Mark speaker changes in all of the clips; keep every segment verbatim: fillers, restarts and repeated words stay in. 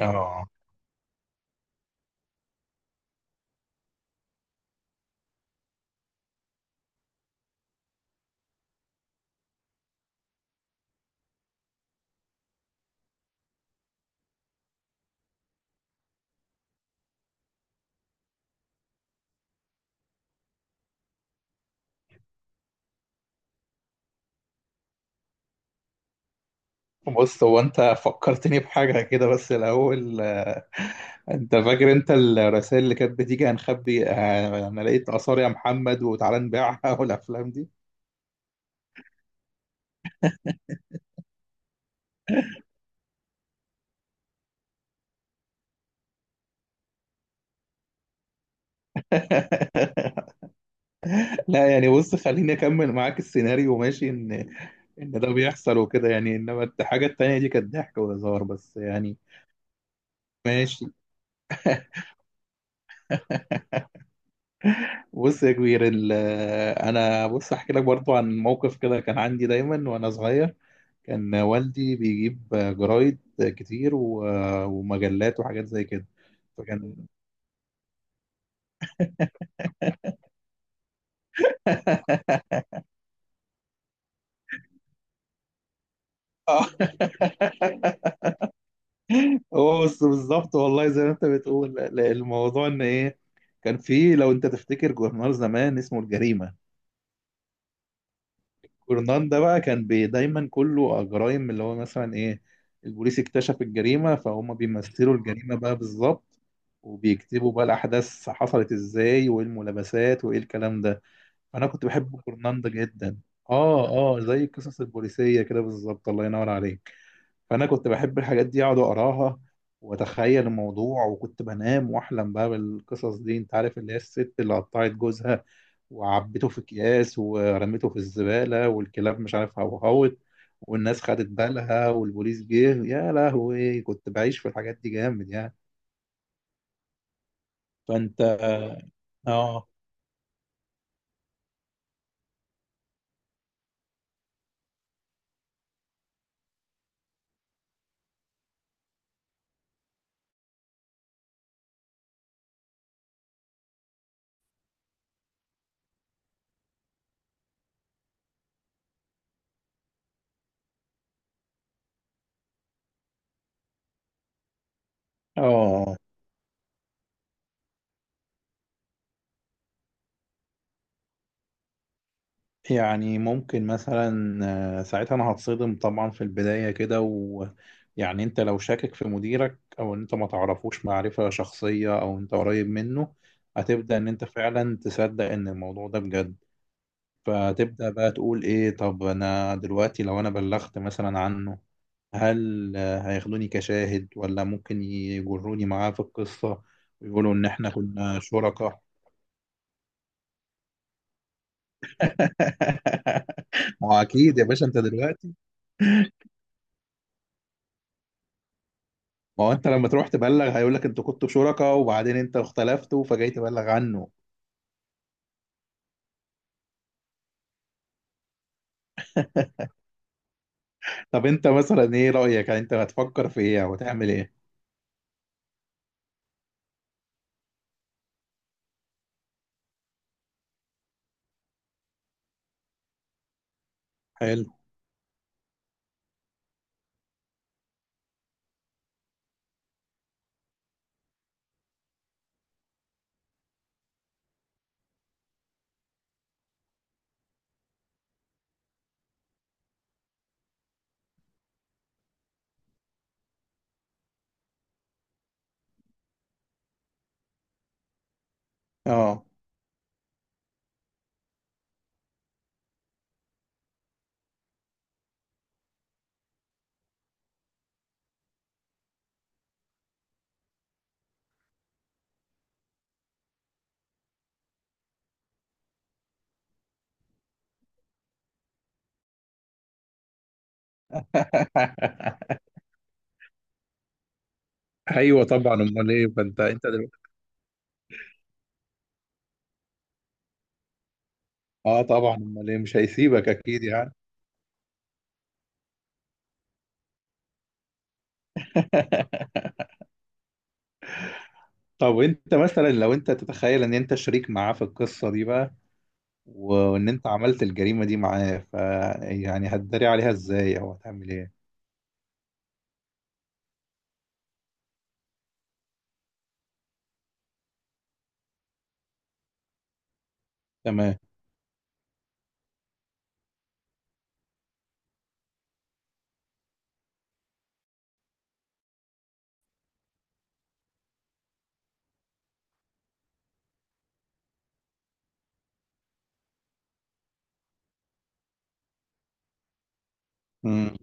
Speaker 1: اه، بص هو انت فكرتني بحاجة كده بس الأول آه، انت فاكر انت الرسائل اللي كانت بتيجي هنخبي. آه، انا لقيت آثار يا محمد وتعالى نبيعها والأفلام دي. لا يعني بص خليني أكمل معاك السيناريو ماشي؟ إن إن ده بيحصل وكده يعني، إنما الحاجة التانية دي كانت ضحك وهزار بس يعني. ماشي. بص يا كبير، ال- آه، أنا بص أحكي لك برضو عن موقف كده كان عندي دايما وأنا صغير. كان والدي بيجيب جرايد كتير و- ومجلات وحاجات زي كده. فكان آه. هو بص بالظبط والله زي ما انت بتقول، ل- الموضوع ان ايه. كان في لو انت تفتكر جورنال زمان اسمه الجريمة. جورنال ده بقى كان بي دايما كله جرائم، اللي هو مثلا ايه؟ البوليس اكتشف الجريمة، فهم بيمثلوا الجريمة بقى بالظبط، وبيكتبوا بقى الأحداث حصلت ازاي وايه الملابسات وايه الكلام ده. انا كنت بحب كورناندا جدا. اه. اه زي القصص البوليسيه كده بالظبط، الله ينور عليك. فانا كنت بحب الحاجات دي اقعد اقراها واتخيل الموضوع، وكنت بنام واحلم بقى بالقصص دي. انت عارف اللي هي الست اللي قطعت جوزها وعبته في اكياس ورميته في الزباله، والكلاب مش عارف هوهوت، والناس خدت بالها والبوليس جه، يا لهوي كنت بعيش في الحاجات دي جامد يعني. فانت. اه. اه يعني ممكن مثلا آه، ساعتها انا هتصدم طبعا في البداية كده، ويعني انت لو شاكك في مديرك او انت ما تعرفوش معرفة شخصية او انت قريب منه، هتبدأ ان انت فعلا تصدق ان الموضوع ده بجد. فتبدأ بقى تقول ايه، طب انا دلوقتي لو انا بلغت مثلا عنه، هل آه، هياخدوني كشاهد ولا ممكن يجروني معاه في القصة، ويقولوا ان احنا كنا شركاء؟ ما هو اكيد يا باشا انت دلوقتي. ما هو انت لما تروح تبلغ هيقول لك انتوا كنتوا شركاء وبعدين انت اختلفتوا فجاي تبلغ عنه. طب انت مثلا ايه رأيك، يعني انت هتفكر في ايه او هتعمل ايه؟ حلو. اه. ايوه طبعا، امال ايه، فانت انت دلوقتي. اه طبعا، امال ايه، مش هيسيبك اكيد يعني. طب انت مثلا لو انت تتخيل ان انت شريك معاه في القصة دي بقى، وان انت عملت الجريمة دي معاه، ف يعني هتداري عليها ازاي او هتعمل ايه؟ تمام. امم.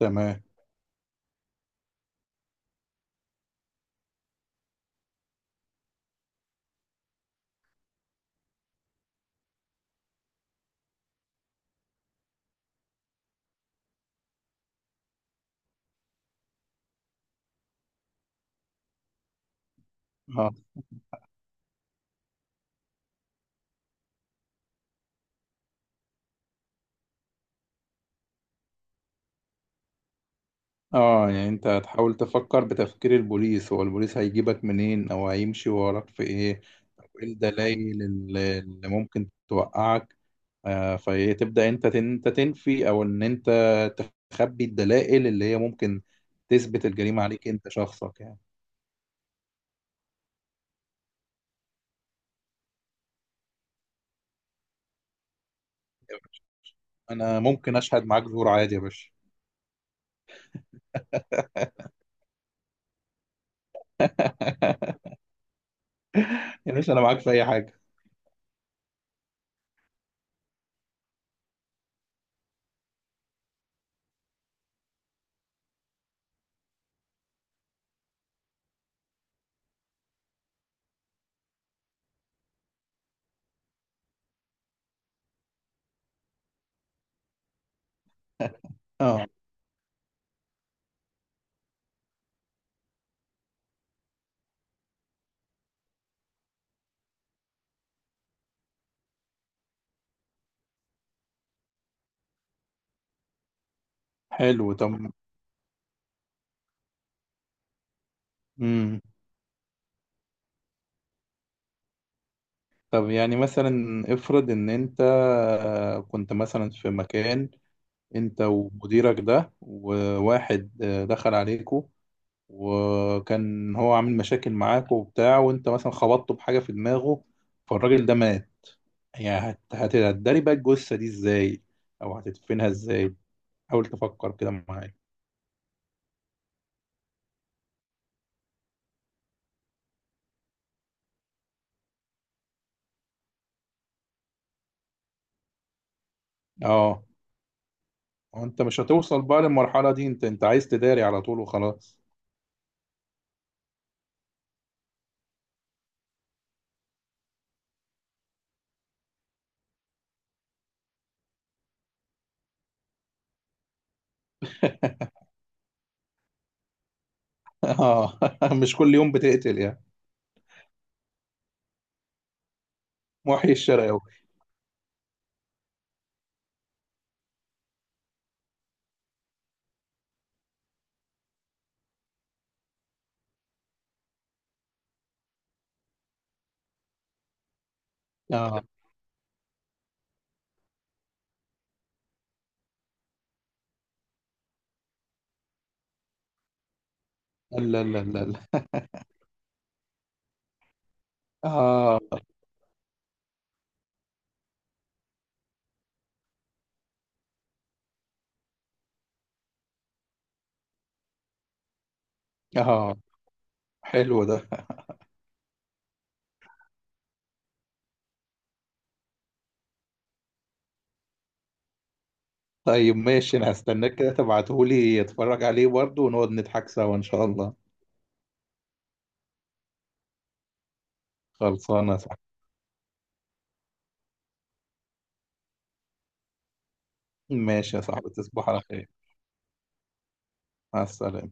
Speaker 1: تمام. اه. اه يعني انت هتحاول تفكر بتفكير البوليس، هو البوليس هيجيبك منين او هيمشي وراك في ايه، او ايه الدلائل اللي اللي ممكن توقعك. آه فتبدأ انت تن- انت تنفي او ان انت تخبي الدلائل اللي هي ممكن تثبت الجريمة عليك انت شخصك يعني. انا ممكن اشهد معاك زور عادي يا باشا. يا باشا انا معاك في اي حاجة. اه، حلو. طب. مم. طب يعني مثلا افرض ان انت آه، كنت مثلا في مكان، انت ومديرك ده، وواحد آه، دخل عليكوا وكان هو عامل مشاكل معاك وبتاع، وانت مثلا خبطته بحاجة في دماغه فالراجل ده مات. يعني هت- هت- هتداري بقى الجثة دي ازاي، او هتدفنها ازاي؟ حاول تفكر كده معايا. اه. وانت مش هتوصل بقى للمرحلة دي، انت انت عايز تداري على طول وخلاص. اه. مش كل يوم بتقتل يعني. محيي الشرق أوي. اه. لا لا لا لا. اه. اه حلو ده. طيب ماشي، انا هستناك كده تبعتهولي اتفرج عليه برضه، ونقعد نضحك سوا ان شاء الله. خلصانه صح. ماشي يا صاحبي، تصبح على خير. مع السلامه.